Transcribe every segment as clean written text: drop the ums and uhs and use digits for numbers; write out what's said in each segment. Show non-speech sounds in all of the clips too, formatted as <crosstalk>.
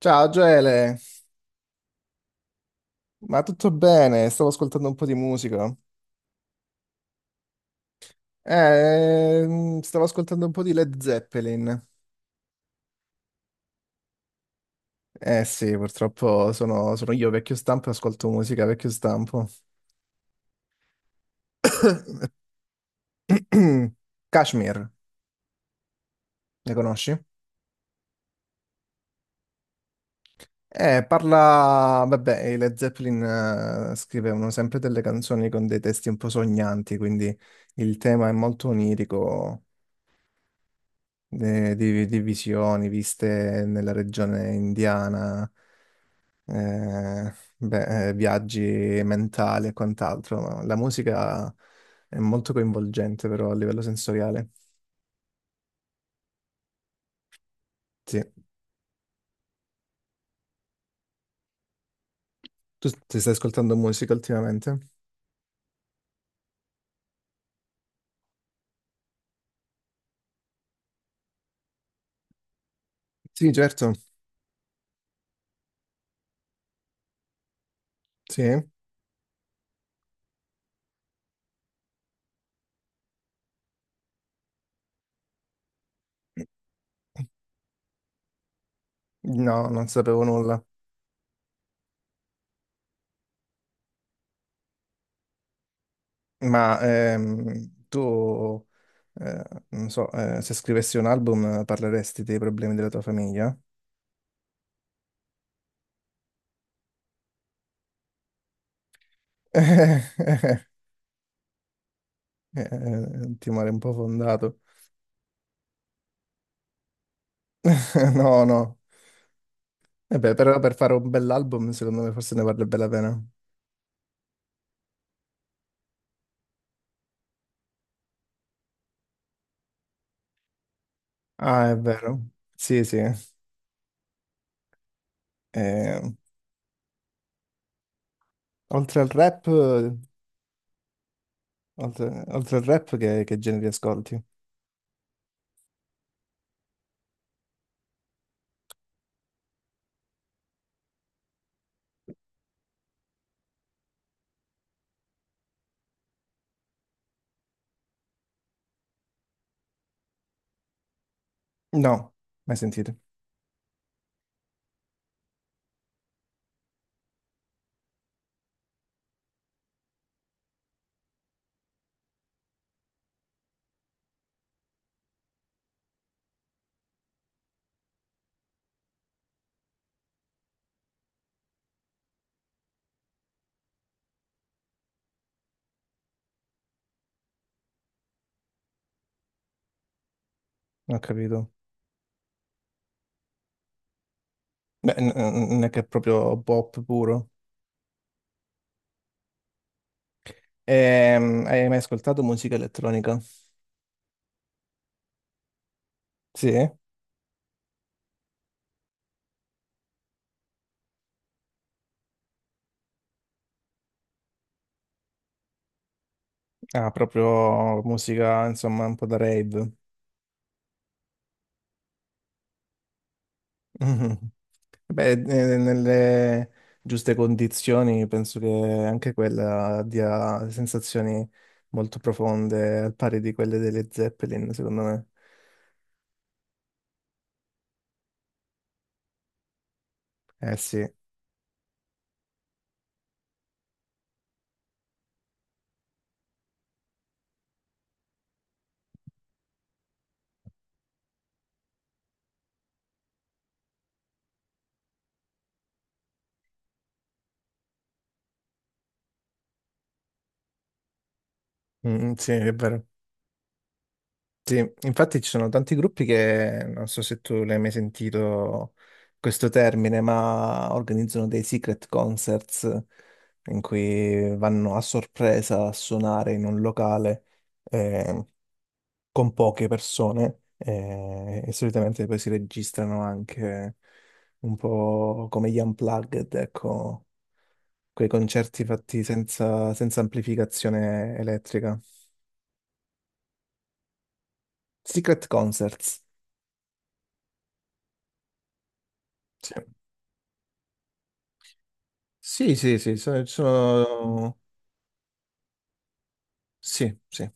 Ciao Gele, ma tutto bene? Stavo ascoltando un po' di musica. Stavo ascoltando un po' di Led Zeppelin. Eh sì, purtroppo sono io vecchio stampo e ascolto musica vecchio stampo. <coughs> Kashmir, le conosci? Parla... Vabbè, i Led Zeppelin scrivevano sempre delle canzoni con dei testi un po' sognanti, quindi il tema è molto onirico, di visioni viste nella regione indiana. Beh, viaggi mentali e quant'altro, ma la musica è molto coinvolgente però a livello sensoriale. Sì. Tu ti stai ascoltando musica ultimamente? Sì, certo, sì. No, non sapevo nulla. Ma tu, eh, non so, se scrivessi un album parleresti dei problemi della tua famiglia? <laughs> Timore un po' fondato. <laughs> No, no. E beh, però per fare un bell'album, secondo me forse ne vale bene la pena. Ah, è vero. Sì, sì. Eh, Oltre al rap, oltre al rap, che generi ascolti? No, mai sentito. Non ho capito. Beh, non è che è proprio pop puro. Hai mai ascoltato musica elettronica? Sì? Ah, proprio musica, insomma, un po' da rave. <laughs> Mhm. Beh, nelle giuste condizioni penso che anche quella dia sensazioni molto profonde, al pari di quelle delle Zeppelin, secondo me. Eh sì. Mm, mm, sì, è vero. Sì, infatti ci sono tanti gruppi che, non so se tu l'hai mai sentito questo termine, ma organizzano dei secret concerts in cui vanno a sorpresa a suonare in un locale eh, con poche persone e solitamente poi si registrano anche un po' come gli unplugged, ecco, quei concerti fatti senza amplificazione elettrica. Secret concerts. Sì. Sì, sì, sì, sono, sì, sì,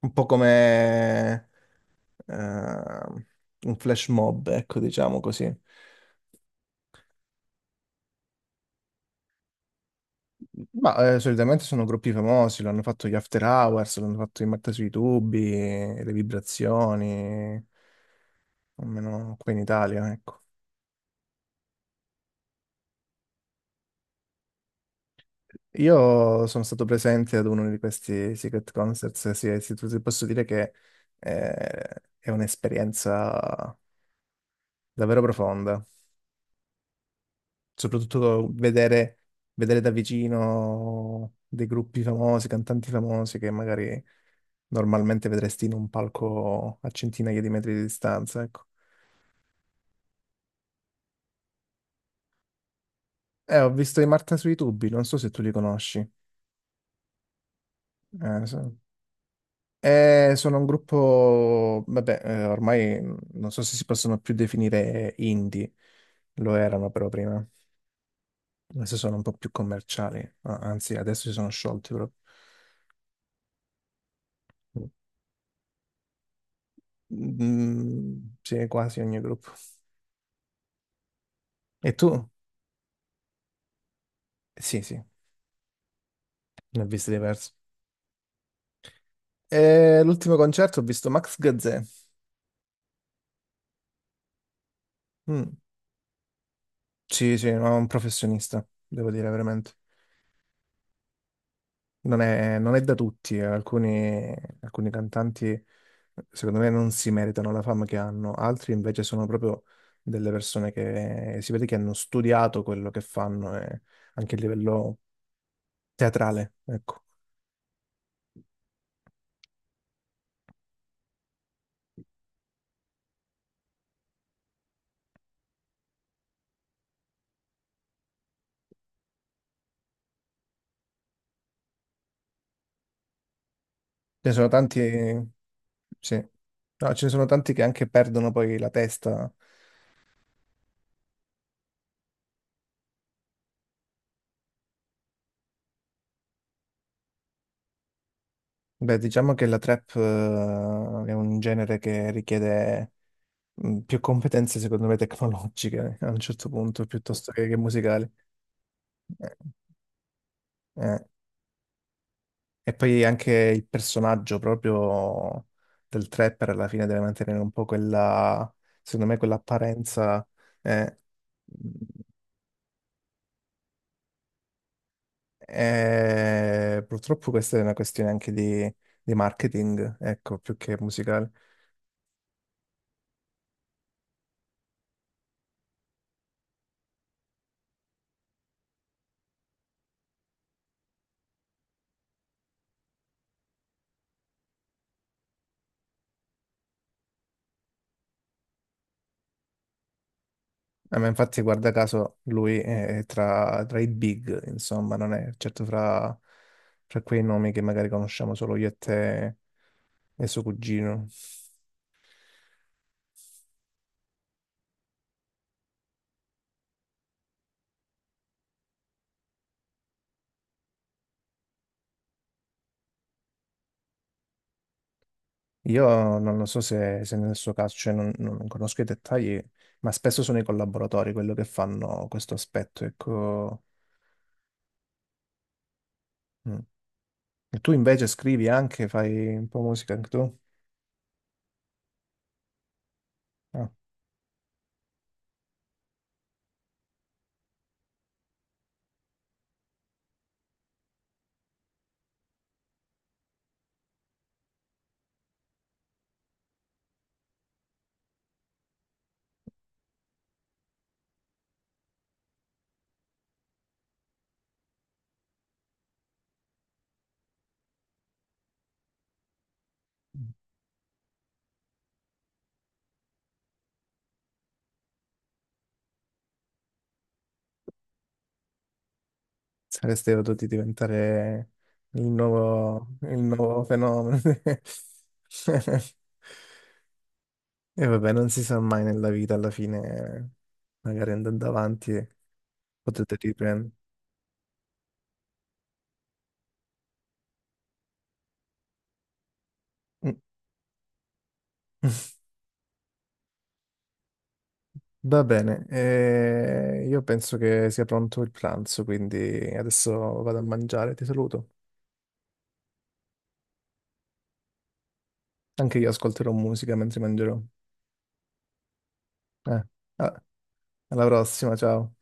un po' come eh, un flash mob, ecco, diciamo così. Ma solitamente sono gruppi famosi, l'hanno fatto gli After Hours, l'hanno fatto i Marta sui tubi, le vibrazioni, almeno qui in Italia, ecco. Io sono stato presente ad uno di questi Secret Concerts, sì, sì, ti posso dire che eh, è un'esperienza davvero profonda. Soprattutto vedere, vedere da vicino dei gruppi famosi, cantanti famosi che magari normalmente vedresti in un palco a centinaia di metri di distanza, ecco. Ho visto i Marta sui tubi, non so se tu li conosci. Eh, so- Sono un gruppo, vabbè, ormai non so se si possono più definire indie, lo erano però prima, adesso sono un po' più commerciali, anzi adesso si sono sciolti proprio. Mm, mm, sì, quasi ogni gruppo. E tu? Sì, sì, ne ho visti diversi. E l'ultimo concerto ho visto Max Gazzè. Mm. Sì, sì, no, un professionista, devo dire veramente. Non è da tutti, eh. Alcuni cantanti secondo me non si meritano la fama che hanno, altri invece sono proprio delle persone che si vede che hanno studiato quello che fanno, e anche a livello teatrale, ecco. Ce ne sono tanti, sì. No, ce ne sono tanti che anche perdono poi la testa. Beh, diciamo che la trap, è un genere che richiede più competenze, secondo me, <laughs> tecnologiche a un certo punto, piuttosto che musicali. Eh, eh. E poi anche il personaggio proprio del trapper alla fine deve mantenere un po' quella, secondo me, quell'apparenza. eh. Purtroppo questa è una questione anche di marketing, ecco, più che musicale. Ma infatti, guarda caso, lui è tra i big, insomma, non è certo fra, fra quei nomi che magari conosciamo solo io e te e suo cugino. Io non lo so se, se nel suo caso, cioè non conosco i dettagli, ma spesso sono i collaboratori quello che fanno questo aspetto, ecco. Mm. E tu invece scrivi anche, fai un po' musica anche tu? Ah, saresti potuti diventare il nuovo fenomeno. <laughs> E vabbè, non si sa mai nella vita, alla fine magari andando avanti e potete riprendere. Mm. <laughs> Va bene, io penso che sia pronto il pranzo, quindi adesso vado a mangiare, ti saluto. Anche io ascolterò musica mentre mangerò. Eh, ah, Alla prossima, ciao.